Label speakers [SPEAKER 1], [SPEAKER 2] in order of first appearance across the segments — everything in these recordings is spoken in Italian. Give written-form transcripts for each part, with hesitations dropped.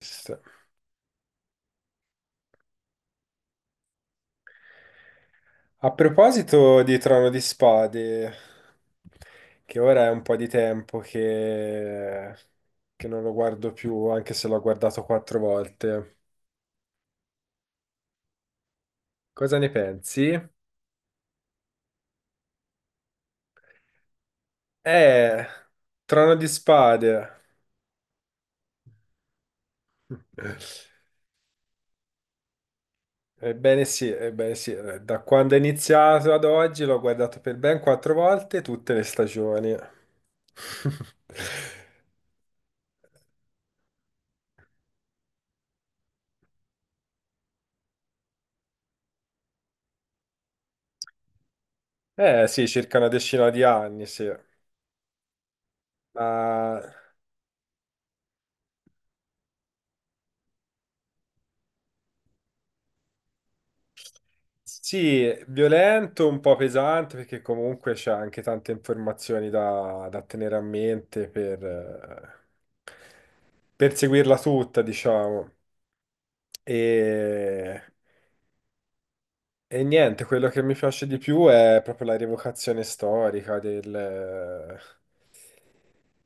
[SPEAKER 1] Sì. A proposito di Trono di Spade, che ora è un po' di tempo che non lo guardo più, anche se l'ho guardato quattro volte, cosa ne pensi? Eh, Trono di Spade. Ebbene sì, da quando è iniziato ad oggi l'ho guardato per ben quattro volte tutte le stagioni. Eh sì, circa una decina di anni, sì. Ma sì, violento, un po' pesante perché comunque c'è anche tante informazioni da tenere a mente per seguirla tutta, diciamo. E, e niente, quello che mi piace di più è proprio la rievocazione storica del,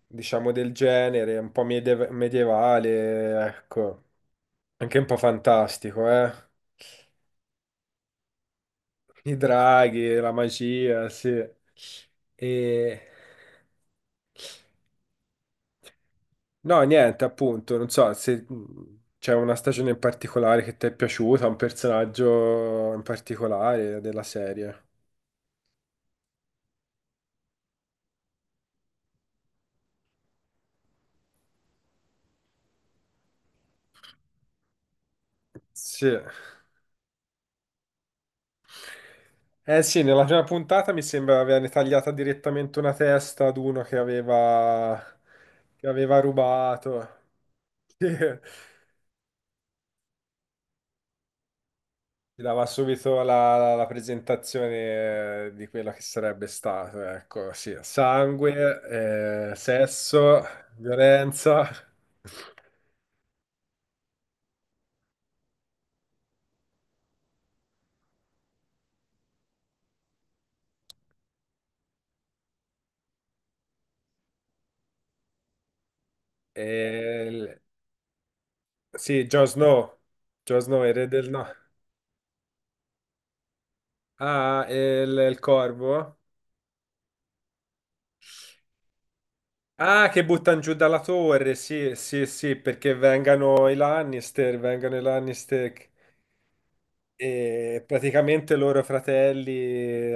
[SPEAKER 1] diciamo, del genere, un po' medievale, ecco, anche un po' fantastico, eh. I draghi, la magia, sì. E... No, niente, appunto, non so se c'è una stagione in particolare che ti è piaciuta, un personaggio in particolare della serie. Sì. Eh sì, nella prima puntata mi sembra avevano tagliata direttamente una testa ad uno che aveva rubato. Sì. Ti dava subito la presentazione di quello che sarebbe stato, ecco, sì, sangue, sesso, violenza. e il- sì, Jon Snow, Jon Snow, il re del no. Ah, il corvo? Ah, che buttano giù dalla torre, sì, sì, sì, perché vengano i Lannister, vengano i Lannister. E praticamente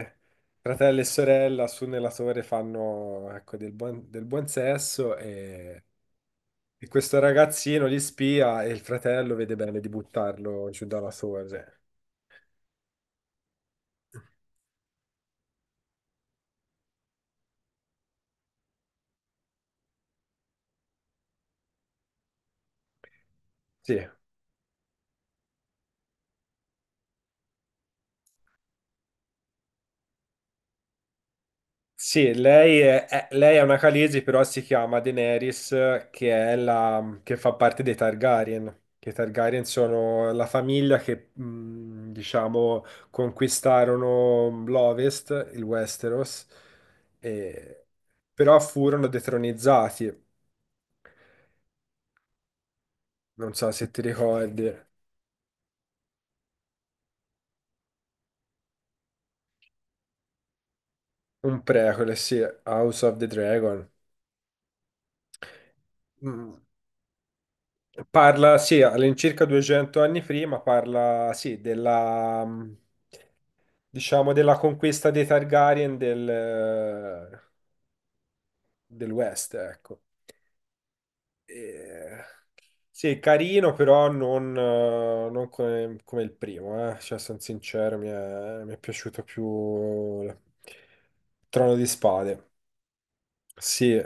[SPEAKER 1] fratelli e sorella su nella torre fanno ecco, del buon sesso e questo ragazzino li spia e il fratello vede bene di buttarlo giù dalla torre. Sì, sì, lei è una Khaleesi, però si chiama Daenerys, che fa parte dei Targaryen. Che i Targaryen sono la famiglia che, diciamo, conquistarono l'Ovest, il Westeros, e- però furono detronizzati. Non so se ti ricordi. Un prequel, sì, House of the Dragon. Mm. Parla, sì, all'incirca 200 anni prima, parla, sì, della, diciamo, della conquista dei Targaryen del West, ecco. E- Sì, carino, però non, non come, come il primo, eh. Cioè, sono sincero, mi è piaciuto più il Trono di Spade. Sì,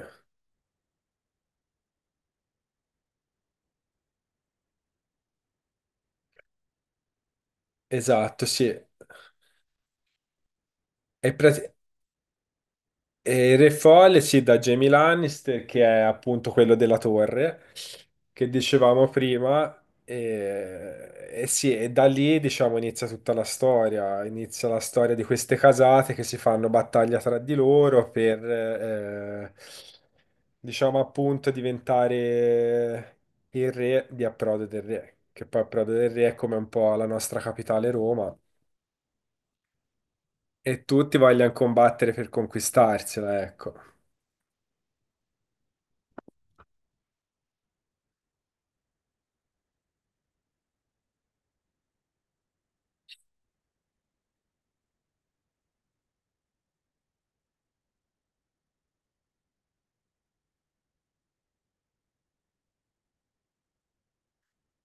[SPEAKER 1] esatto, sì. È, pra- E il Re Folle, sì, da Jamie Lannister, che è appunto quello della torre, che dicevamo prima, e sì, e da lì, diciamo, inizia tutta la storia, inizia la storia di queste casate che si fanno battaglia tra di loro per, diciamo, appunto, diventare il re di Approdo del Re, che poi Approdo del Re è come un po' la nostra capitale Roma, e tutti vogliono combattere per conquistarsela, ecco.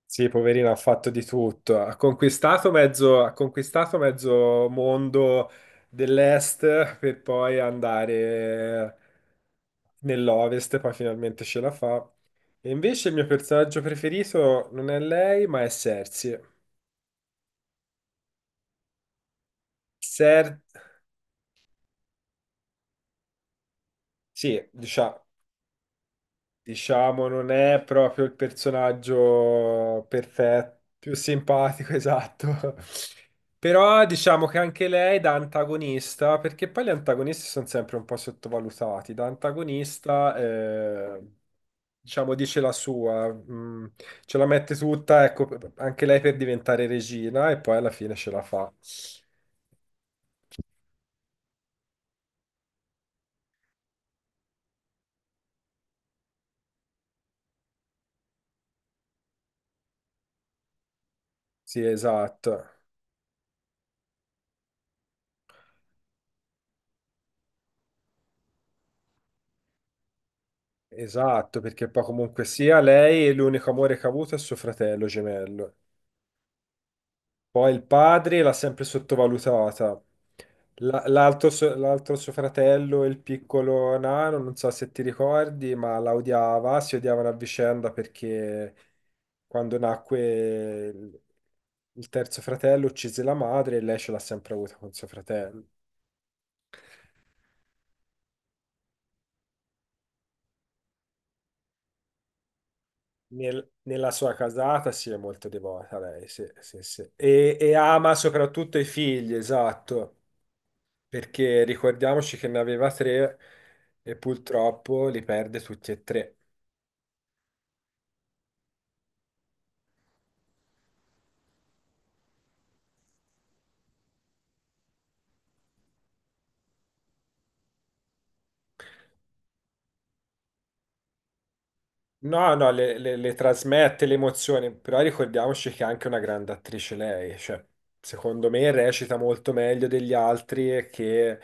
[SPEAKER 1] Sì, poverino, ha fatto di tutto. Ha conquistato mezzo mondo dell'est per poi andare nell'ovest, poi finalmente ce la fa. E invece il mio personaggio preferito non è lei, ma è Cersei. Cer- sì, diciamo, Diciamo, non è proprio il personaggio perfetto, più simpatico, esatto. Però diciamo che anche lei da antagonista, perché poi gli antagonisti sono sempre un po' sottovalutati, da antagonista, diciamo, dice la sua, ce la mette tutta, ecco, anche lei per diventare regina e poi alla fine ce la fa. Sì, esatto. Esatto, perché poi comunque sia lei l'unico amore che ha avuto è suo fratello gemello. Poi il padre l'ha sempre sottovalutata. L'altro suo fratello, il piccolo nano, non so se ti ricordi, ma la odiava, si odiavano a vicenda perché quando nacque il, il terzo fratello uccise la madre e lei ce l'ha sempre avuta con suo fratello. Nella sua casata si è molto devota lei, sì, sì, sì. E ama soprattutto i figli, esatto. Perché ricordiamoci che ne aveva tre e purtroppo li perde tutti e tre. No, no, le trasmette le emozioni, però ricordiamoci che è anche una grande attrice lei, cioè, secondo me recita molto meglio degli altri e che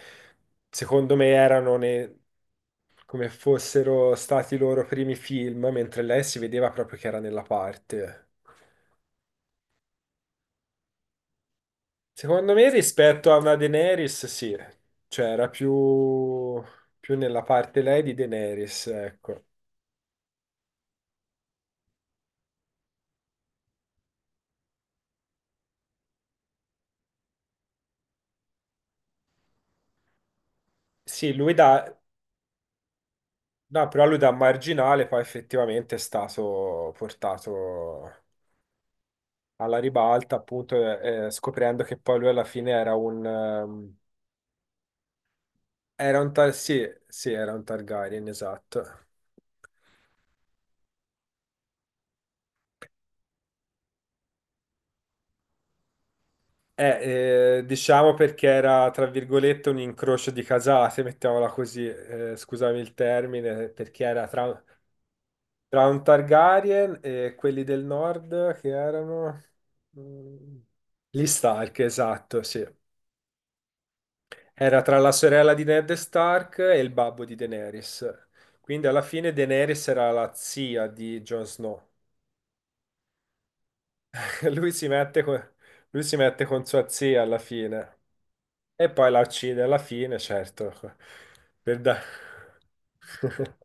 [SPEAKER 1] secondo me come fossero stati i loro primi film, mentre lei si vedeva proprio che era nella parte. Secondo me rispetto a una Daenerys, sì, cioè era più, più nella parte lei di Daenerys, ecco. Sì, lui da, no, però lui da marginale poi effettivamente è stato portato alla ribalta, appunto, scoprendo che poi lui alla fine era un, sì, sì, era un Targaryen, esatto. Diciamo perché era, tra virgolette, un incrocio di casate, mettiamola così, scusami il termine, tra un Targaryen e quelli del nord che erano... mm, Gli Stark, esatto, sì. Era tra la sorella di Ned Stark e il babbo di Daenerys. Quindi alla fine Daenerys era la zia di Jon Snow. Lui si mette con, lui si mette con sua zia alla fine. E poi la uccide alla fine, certo. Per da-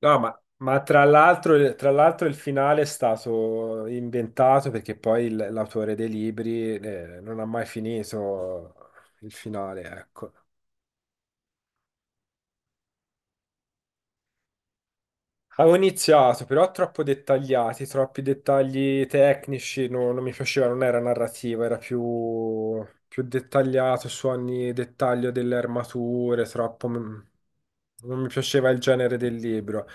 [SPEAKER 1] No, ma tra l'altro il finale è stato inventato perché poi l'autore dei libri non ha mai finito il finale, ecco. Avevo iniziato, però troppo dettagliati, troppi dettagli tecnici, non mi piaceva, non era narrativa, era più, più dettagliato su ogni dettaglio delle armature, troppo... m- Non mi piaceva il genere del libro,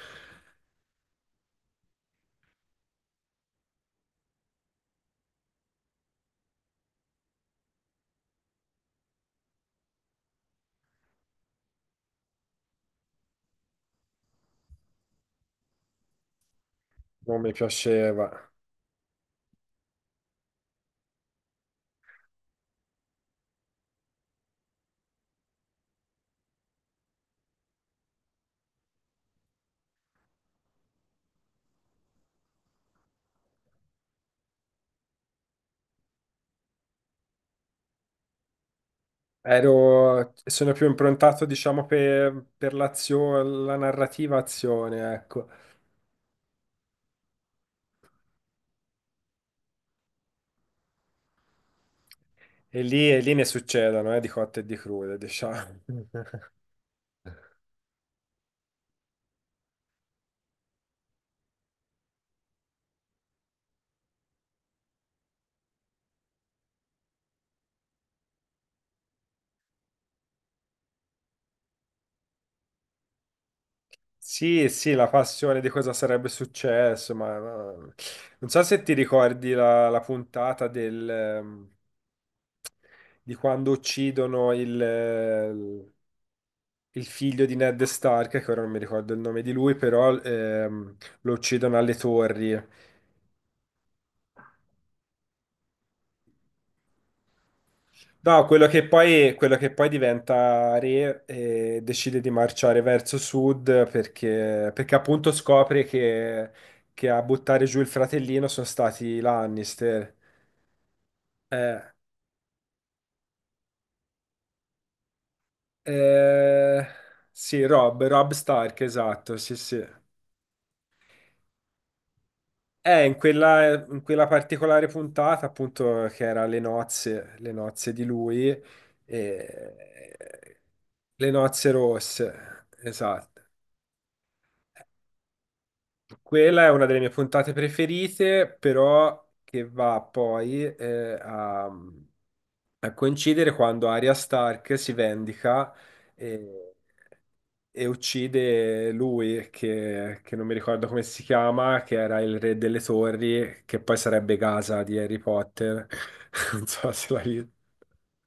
[SPEAKER 1] non mi piaceva. Sono più improntato, diciamo, per l'azione, la narrativa azione, ecco. E lì ne succedono, di cotte e di crude, diciamo. Sì, sì, la passione di cosa sarebbe successo, ma- non so se ti ricordi la puntata di quando uccidono il figlio di Ned Stark, che ora non mi ricordo il nome di lui, però lo uccidono alle torri. No, quello che poi diventa re e decide di marciare verso sud perché appunto scopre che a buttare giù il fratellino sono stati i Lannister. Eh, Eh, sì, Rob Stark, esatto, sì, sì. In quella particolare puntata, appunto, che era le nozze di lui, eh, le nozze rosse, esatto. Quella è una delle mie puntate preferite, però che va poi a coincidere quando Arya Stark si vendica e, e uccide lui, che non mi ricordo come si chiama, che era il re delle torri, che poi sarebbe Gaza di Harry Potter. Non so se l'hai...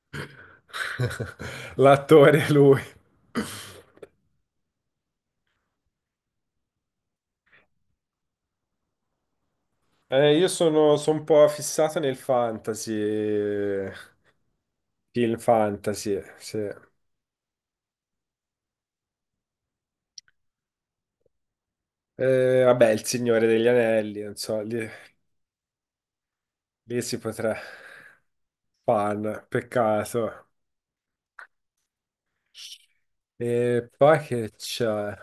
[SPEAKER 1] L'attore è lui. Sono un po' fissato nel fantasy, film fantasy, sì. Vabbè, Il Signore degli Anelli, non so, lì- Lì si potrà. Fan, peccato. E poi che c'è?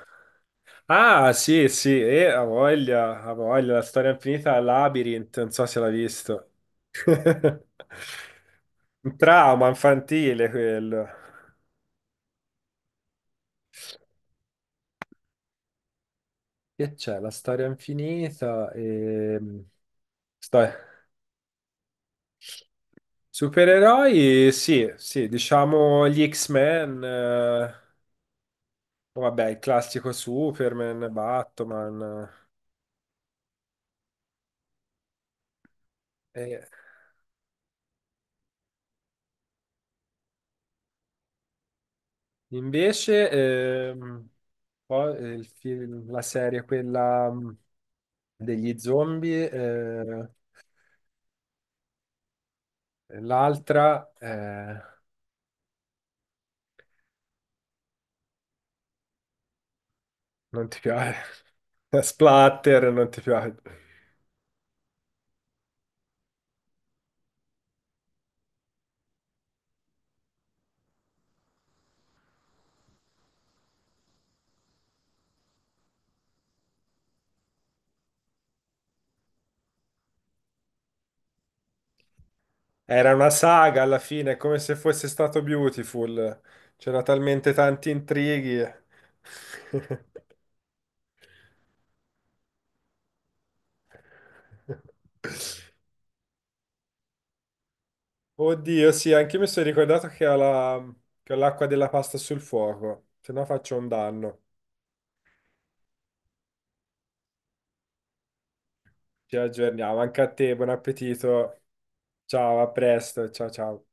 [SPEAKER 1] Ah, sì, sì, ha voglia, la storia infinita Labyrinth, non so se l'ha visto. Un trauma infantile quello. Che c'è? La storia infinita e... Sto... Supereroi, sì, sì, diciamo gli X-Men, vabbè, il classico Superman, Batman. Eh. Invece, la serie, quella degli zombie, l'altra, non ti piace. Splatter, non ti piace. Era una saga alla fine, come se fosse stato Beautiful. C'era talmente tanti intrighi. Oddio, sì, anche io mi sono ricordato che ho la- che ho l'acqua della pasta sul fuoco, se no faccio un danno. Ci aggiorniamo, anche a te, buon appetito. Ciao, a presto, ciao ciao.